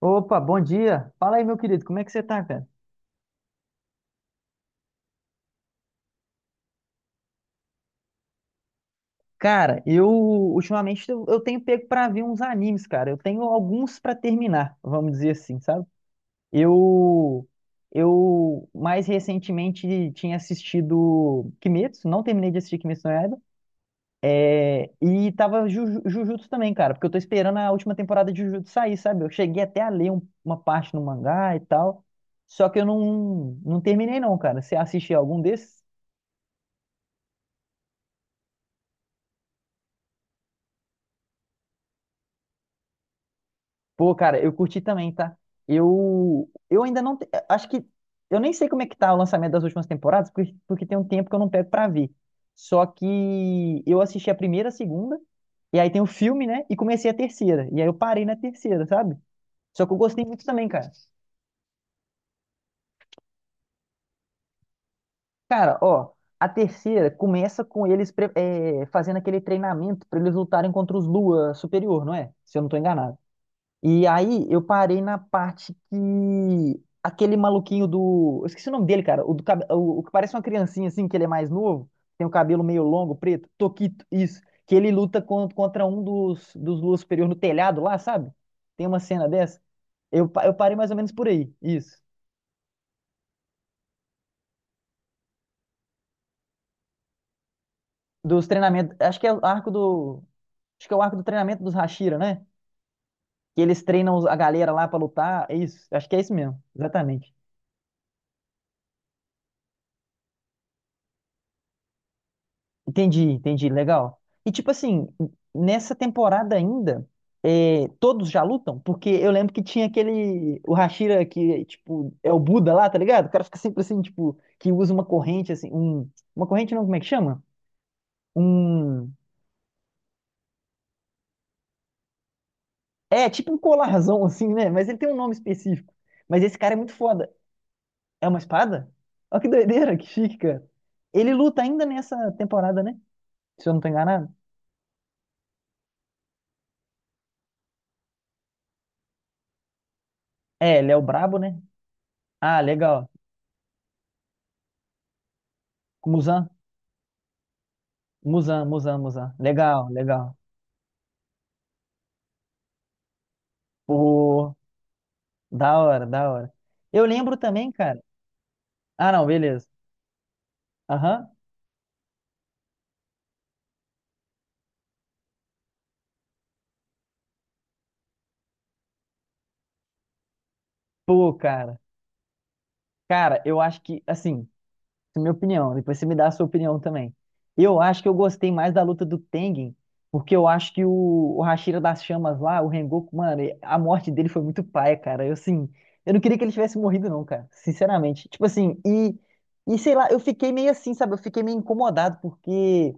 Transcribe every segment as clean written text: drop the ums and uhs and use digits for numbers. Opa, bom dia. Fala aí, meu querido, como é que você tá, cara? Cara, eu ultimamente eu tenho pego pra ver uns animes, cara. Eu tenho alguns pra terminar, vamos dizer assim, sabe? Eu eu mais recentemente tinha assistido Kimetsu, não terminei de assistir Kimetsu no Yaiba, e tava Jujutsu também, cara, porque eu tô esperando a última temporada de Jujutsu sair, sabe? Eu cheguei até a ler uma parte no mangá e tal, só que eu não terminei não, cara. Você assistiu algum desses? Pô, cara, eu curti também, tá? Eu ainda não. Acho que. Eu nem sei como é que tá o lançamento das últimas temporadas, porque tem um tempo que eu não pego pra ver. Só que eu assisti a primeira, a segunda, e aí tem o filme, né? E comecei a terceira. E aí eu parei na terceira, sabe? Só que eu gostei muito também, cara. Cara, ó, a terceira começa com eles fazendo aquele treinamento pra eles lutarem contra os Lua Superior, não é? Se eu não tô enganado. E aí eu parei na parte que aquele maluquinho do. Eu esqueci o nome dele, cara. O, do, cabe- o que parece uma criancinha assim, que ele é mais novo, tem o cabelo meio longo, preto. Toquito, isso. Que ele luta contra um dos Lua Superior no telhado lá, sabe? Tem uma cena dessa. Eu parei mais ou menos por aí, isso. Dos treinamentos. Acho que é o arco do. Acho que é o arco do treinamento dos Hashira, né? Que eles treinam a galera lá pra lutar. É isso. Acho que é isso mesmo. Exatamente. Entendi, entendi, legal. E tipo assim, nessa temporada ainda, todos já lutam? Porque eu lembro que tinha aquele, o Hashira que, tipo, é o Buda lá, tá ligado? O cara fica sempre assim, tipo, que usa uma corrente, assim, uma corrente não, como é que chama? Um, tipo um colarzão, assim, né? Mas ele tem um nome específico. Mas esse cara é muito foda. É uma espada? Olha que doideira, que chique, cara. Ele luta ainda nessa temporada, né? Se eu não tô enganado. É, ele é o brabo, né? Ah, legal. Muzan. Musan, Musan, Musan. Legal, legal. Pô, da hora, da hora. Eu lembro também, cara. Ah, não, beleza. Aham. Pô, cara. Cara, eu acho que, assim, é minha opinião. Depois você me dá a sua opinião também. Eu acho que eu gostei mais da luta do Tengen, porque eu acho que o Hashira das Chamas lá, o Rengoku, mano, a morte dele foi muito paia, cara. Eu, assim, eu não queria que ele tivesse morrido, não, cara. Sinceramente. Tipo assim, e sei lá, eu fiquei meio assim, sabe? Eu fiquei meio incomodado, porque.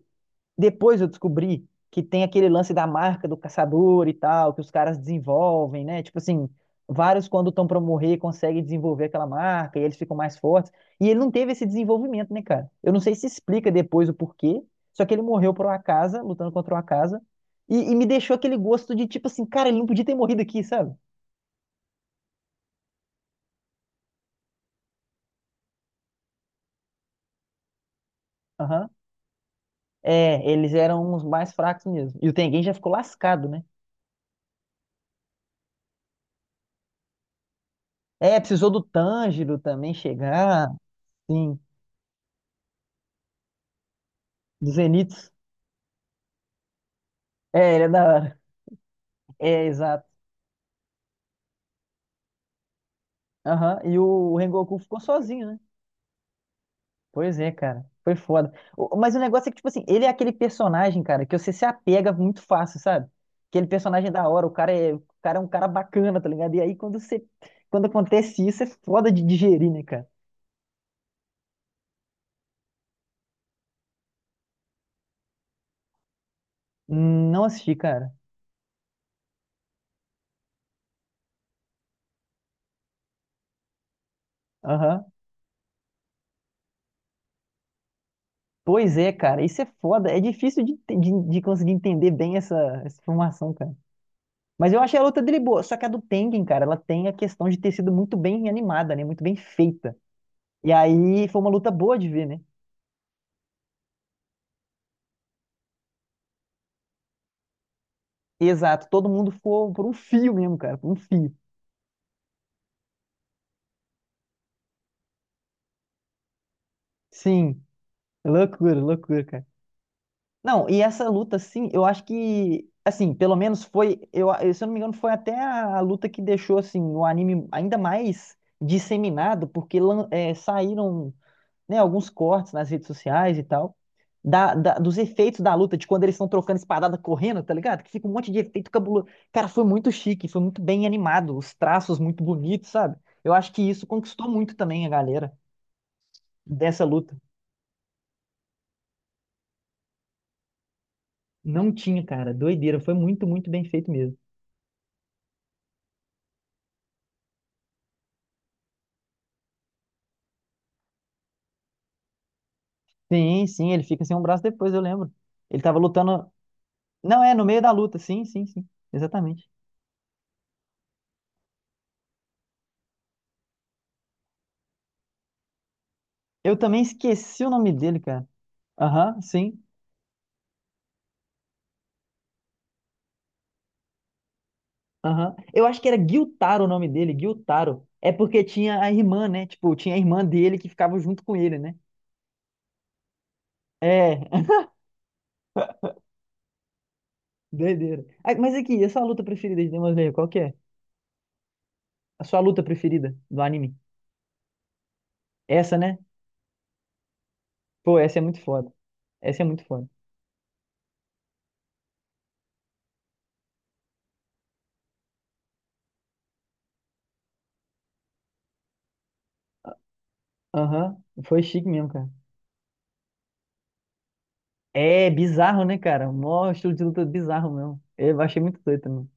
Depois eu descobri que tem aquele lance da marca do caçador e tal, que os caras desenvolvem, né? Tipo assim, vários quando estão pra morrer conseguem desenvolver aquela marca e eles ficam mais fortes. E ele não teve esse desenvolvimento, né, cara? Eu não sei se explica depois o porquê, só que ele morreu por uma casa, lutando contra uma casa, e me deixou aquele gosto de tipo assim, cara, ele não podia ter morrido aqui, sabe? Aham. É, eles eram os mais fracos mesmo. E o Tengen já ficou lascado, né? É, precisou do Tanjiro também chegar, sim, do Zenitsu. É, ele é da hora. É, exato. Aham. E o Rengoku ficou sozinho, né? Pois é, cara. Foi foda. Mas o negócio é que, tipo assim, ele é aquele personagem, cara, que você se apega muito fácil, sabe? Aquele personagem é da hora, o cara é um cara bacana, tá ligado? E aí quando você, quando acontece isso, é foda de digerir, né, cara? Não assisti, cara. Aham. Pois é, cara. Isso é foda. É difícil de conseguir entender bem essa, essa informação, cara. Mas eu achei a luta dele boa. Só que a do Tengen, cara, ela tem a questão de ter sido muito bem animada, né? Muito bem feita. E aí foi uma luta boa de ver, né? Exato, todo mundo foi por um fio mesmo, cara, por um fio. Sim, loucura, loucura, cara. Não, e essa luta, assim, eu acho que, assim, pelo menos foi, eu, se eu não me engano, foi até a luta que deixou, assim, o anime ainda mais disseminado, porque saíram né, alguns cortes nas redes sociais e tal, dos efeitos da luta, de quando eles estão trocando espadada correndo, tá ligado? Que fica um monte de efeito cabuloso. Cara, foi muito chique, foi muito bem animado, os traços muito bonitos, sabe? Eu acho que isso conquistou muito também a galera dessa luta. Não tinha, cara, doideira, foi muito, muito bem feito mesmo. Sim, sim, ele fica sem um braço depois, eu lembro. Ele tava lutando. Não, é, no meio da luta, sim, sim, sim, exatamente. Eu também esqueci o nome dele, cara. Aham, sim. Aham. Eu acho que era Guiltaro o nome dele, Guiltaro. É porque tinha a irmã, né? Tipo, tinha a irmã dele que ficava junto com ele, né? É, doideira. Ah, mas aqui, essa é a sua luta preferida de Demon Slayer, qual que é? A sua luta preferida do anime? Essa, né? Pô, essa é muito foda. Essa é muito foda. Aham, foi chique mesmo, cara. É bizarro, né, cara? Mó estilo de luta bizarro mesmo. Eu achei muito doido também.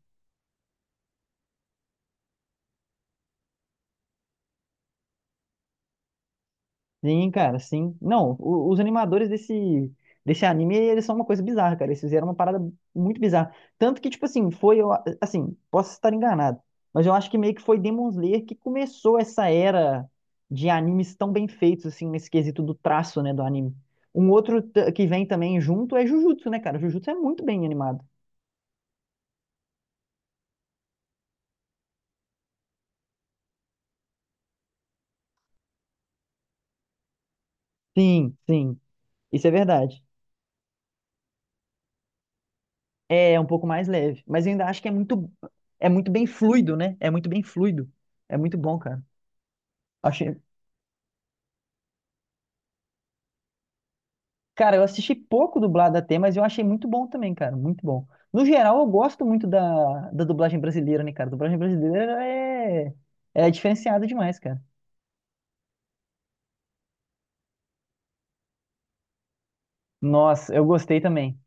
Sim, cara, sim. Não, os animadores desse, desse anime, eles são uma coisa bizarra, cara. Eles fizeram uma parada muito bizarra. Tanto que, tipo assim, foi, assim, posso estar enganado, mas eu acho que meio que foi Demon Slayer que começou essa era de animes tão bem feitos, assim, nesse quesito do traço, né, do anime. Um outro que vem também junto é Jujutsu, né, cara? Jujutsu é muito bem animado. Sim, sim, isso é verdade. É um pouco mais leve, mas eu ainda acho que é muito bem fluido, né? É muito bem fluido. É muito bom, cara. Achei. Cara, eu assisti pouco dublado até, mas eu achei muito bom também, cara. Muito bom. No geral, eu gosto muito da dublagem brasileira, né, cara? A dublagem brasileira é, é diferenciada demais, cara. Nossa, eu gostei também.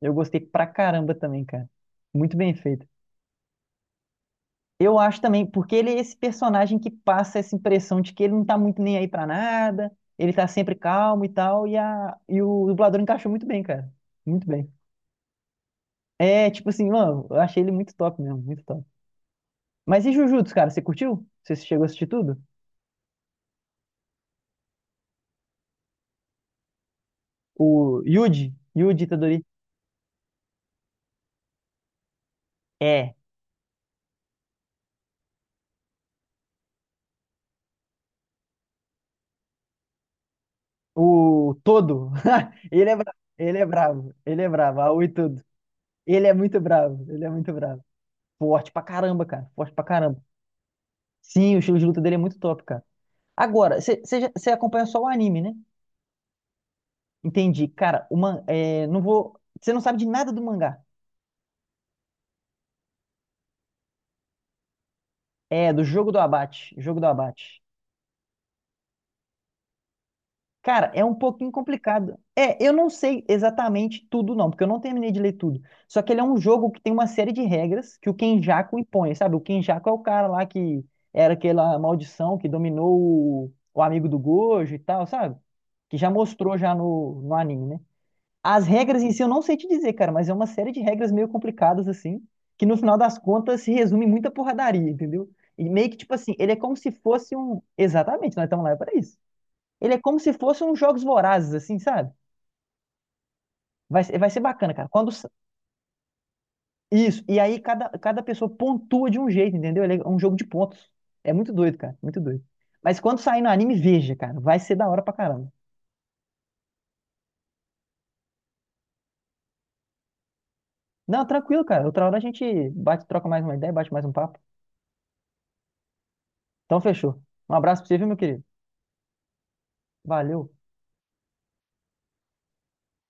Eu gostei pra caramba também, cara. Muito bem feito. Eu acho também, porque ele é esse personagem que passa essa impressão de que ele não tá muito nem aí pra nada, ele tá sempre calmo e tal, e o dublador encaixou muito bem, cara. Muito bem. É, tipo assim, mano, eu achei ele muito top mesmo, muito top. Mas e Jujutsu, cara? Você curtiu? Você chegou a assistir tudo? O Yuji, Yuji Itadori. É. O Todo. Ele é bravo. Ele é bravo. Ele é bravo. Aoi tudo. Ele é muito bravo. Ele é muito bravo. Forte pra caramba, cara. Forte pra caramba. Sim, o estilo de luta dele é muito top, cara. Agora, você acompanha só o anime, né? Entendi. Cara, o man, é, não vou. Você não sabe de nada do mangá. É, do jogo do abate. Jogo do abate. Cara, é um pouquinho complicado. É, eu não sei exatamente tudo, não, porque eu não terminei de ler tudo. Só que ele é um jogo que tem uma série de regras que o Kenjaku impõe, sabe? O Kenjaku é o cara lá que era aquela maldição que dominou o amigo do Gojo e tal, sabe? Que já mostrou já no anime, né? As regras em si eu não sei te dizer, cara, mas é uma série de regras meio complicadas, assim, que no final das contas se resume em muita porradaria, entendeu? E meio que, tipo assim, ele é como se fosse um. Exatamente, nós estamos lá para isso. Ele é como se fosse uns jogos vorazes, assim, sabe? Vai ser bacana, cara. Isso, e aí cada, cada pessoa pontua de um jeito, entendeu? Ele é um jogo de pontos. É muito doido, cara, muito doido. Mas quando sair no anime, veja, cara, vai ser da hora pra caramba. Não, tranquilo, cara. Outra hora a gente bate, troca mais uma ideia, bate mais um papo. Então fechou. Um abraço pra você, viu, meu querido? Valeu.